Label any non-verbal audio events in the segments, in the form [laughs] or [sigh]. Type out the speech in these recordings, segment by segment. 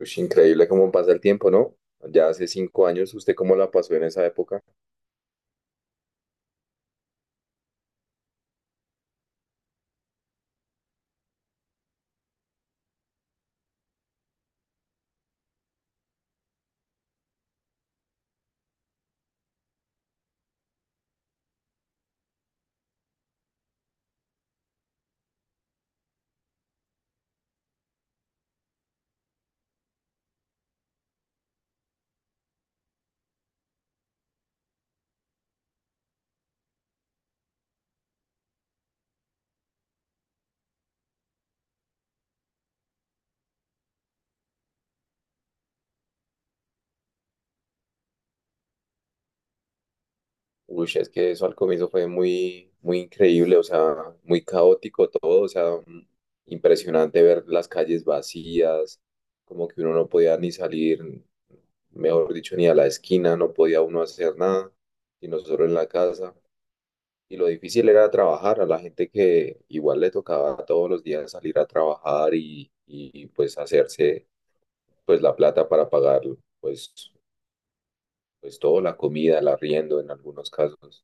Ush, increíble cómo pasa el tiempo, ¿no? Ya hace 5 años, ¿usted cómo la pasó en esa época? Uy, es que eso al comienzo fue muy, muy increíble, o sea, muy caótico todo, o sea, impresionante ver las calles vacías, como que uno no podía ni salir, mejor dicho, ni a la esquina, no podía uno hacer nada, y nosotros en la casa. Y lo difícil era trabajar a la gente que igual le tocaba todos los días salir a trabajar y pues hacerse pues la plata para pagarlo, pues todo, la comida, el arriendo en algunos casos.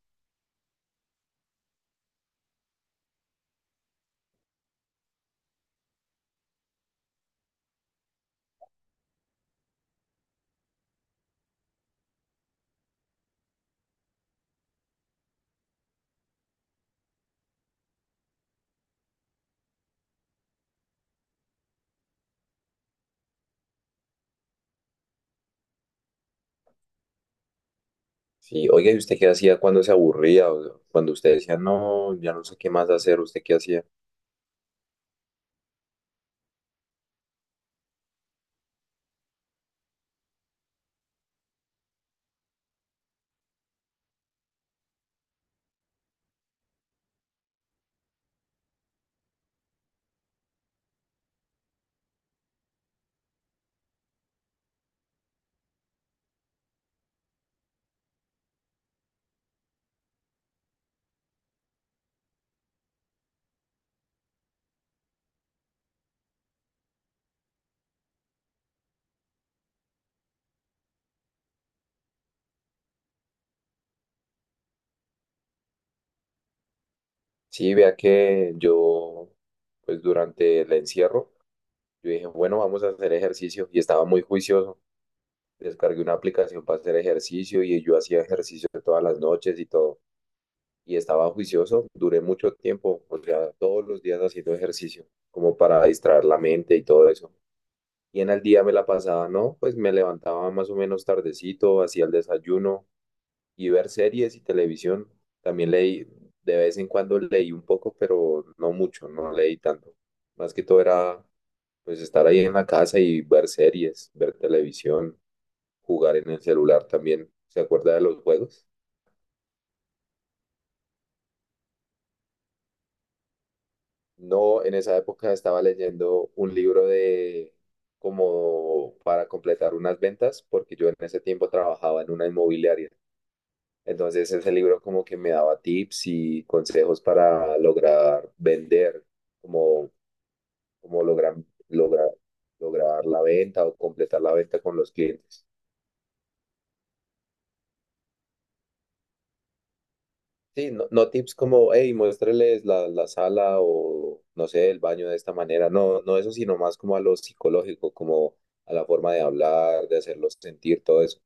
Sí, oiga, ¿y usted qué hacía cuando se aburría? O cuando usted decía, no, ya no sé qué más hacer, ¿usted qué hacía? Sí, vea que yo, pues durante el encierro, yo dije, bueno, vamos a hacer ejercicio y estaba muy juicioso. Descargué una aplicación para hacer ejercicio y yo hacía ejercicio todas las noches y todo. Y estaba juicioso, duré mucho tiempo, o sea, todos los días haciendo ejercicio, como para distraer la mente y todo eso. Y en el día me la pasaba, ¿no? Pues me levantaba más o menos tardecito, hacía el desayuno y ver series y televisión. También leí, de vez en cuando leí un poco, pero no mucho, no leí tanto. Más que todo era pues estar ahí en la casa y ver series, ver televisión, jugar en el celular también. ¿Se acuerda de los juegos? No, en esa época estaba leyendo un libro de como para completar unas ventas, porque yo en ese tiempo trabajaba en una inmobiliaria. Entonces ese libro como que me daba tips y consejos para lograr vender, como, como lograr, lograr, lograr la venta o completar la venta con los clientes. Sí, no, no tips como, hey, muéstreles la sala o, no sé, el baño de esta manera. No, no eso, sino más como a lo psicológico, como a la forma de hablar, de hacerlos sentir, todo eso.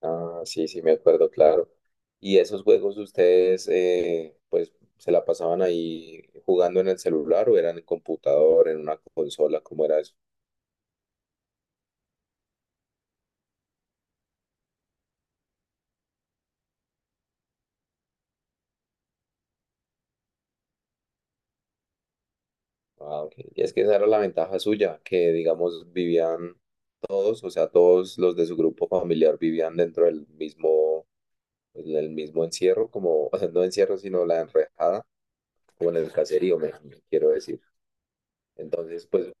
Ah, sí, sí, me acuerdo, claro. ¿Y esos juegos ustedes, pues, se la pasaban ahí jugando en el celular o eran en computador, en una consola? ¿Cómo era eso? Ah, ok. Y es que esa era la ventaja suya, que, digamos, vivían todos, o sea, todos los de su grupo familiar vivían dentro del mismo encierro, como, [laughs] o sea, no encierro, sino la enrejada, como en el caserío, me quiero decir. Entonces, pues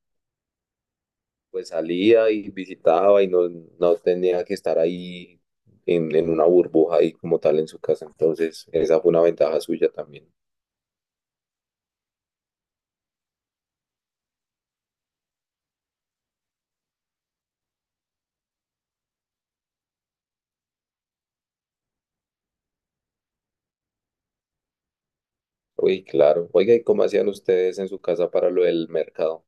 salía y visitaba y no, no tenía que estar ahí en una burbuja ahí como tal en su casa. Entonces, esa fue una ventaja suya también. Uy, claro. Oiga, ¿y cómo hacían ustedes en su casa para lo del mercado?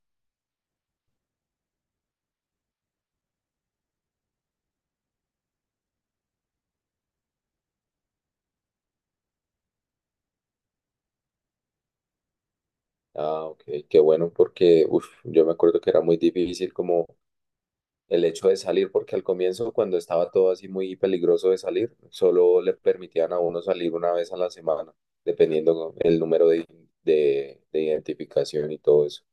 Ah, ok, qué bueno, porque uf, yo me acuerdo que era muy difícil como el hecho de salir, porque al comienzo, cuando estaba todo así muy peligroso de salir, solo le permitían a uno salir una vez a la semana, dependiendo el número de identificación y todo eso.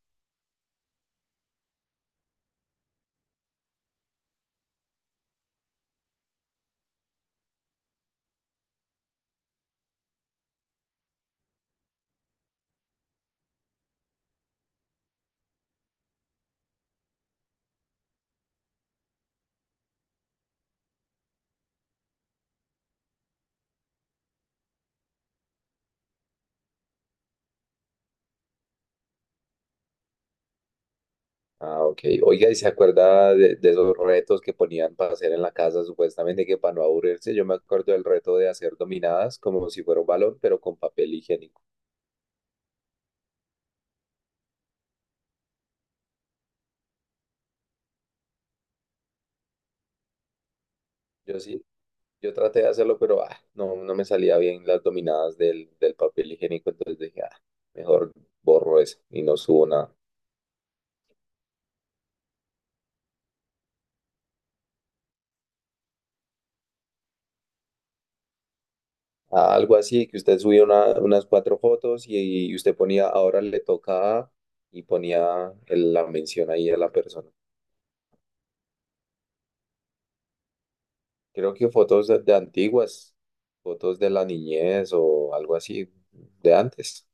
Ah, ok. Oiga, ¿y se acuerda de esos retos que ponían para hacer en la casa, supuestamente que para no aburrirse? Yo me acuerdo del reto de hacer dominadas como si fuera un balón, pero con papel higiénico. Yo sí, yo traté de hacerlo, pero ah, no, no me salía bien las dominadas del papel higiénico, entonces dije, ah, mejor borro eso y no subo nada. Ah, algo así, que usted subía unas cuatro fotos y usted ponía, ahora le toca a", y ponía la mención ahí a la persona. Creo que fotos de antiguas, fotos de la niñez o algo así de antes.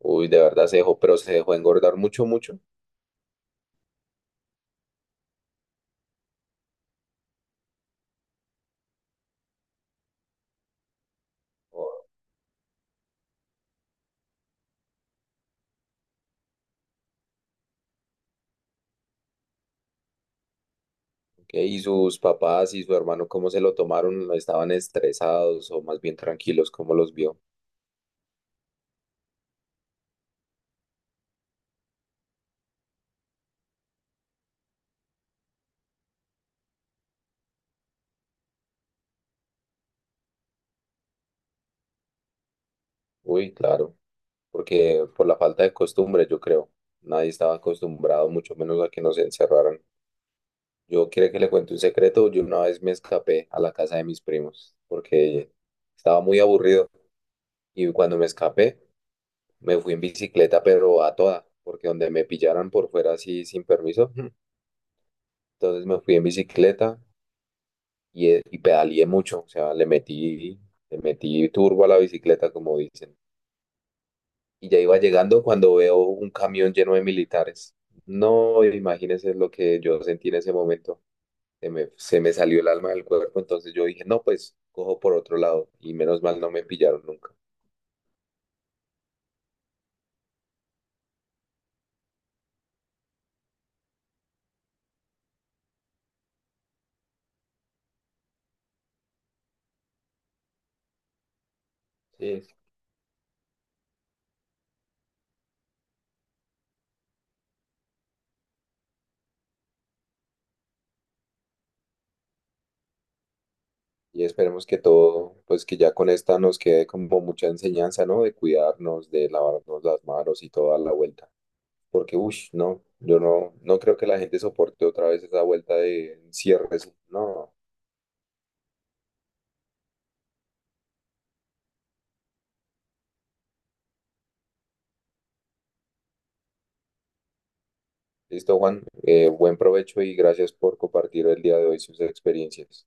Uy, de verdad se dejó, pero se dejó engordar mucho, mucho. Ok, y sus papás y su hermano, ¿cómo se lo tomaron? ¿Estaban estresados o más bien tranquilos? ¿Cómo los vio? Uy, claro, porque por la falta de costumbre, yo creo. Nadie estaba acostumbrado, mucho menos a que nos encerraran. Yo quiero que le cuente un secreto. Yo una vez me escapé a la casa de mis primos porque estaba muy aburrido. Y cuando me escapé, me fui en bicicleta, pero a toda, porque donde me pillaran por fuera así sin permiso, [laughs] entonces me fui en bicicleta y pedaleé mucho, o sea, le metí turbo a la bicicleta, como dicen. Y ya iba llegando cuando veo un camión lleno de militares. No, imagínense lo que yo sentí en ese momento. Se me salió el alma del cuerpo, entonces yo dije, no, pues cojo por otro lado y menos mal no me pillaron nunca. Sí, y esperemos que todo, pues que ya con esta nos quede como mucha enseñanza, ¿no? De cuidarnos, de lavarnos las manos y toda la vuelta. Porque, uff, no, yo no, no creo que la gente soporte otra vez esa vuelta de cierres. No, listo, Juan. Buen provecho y gracias por compartir el día de hoy sus experiencias.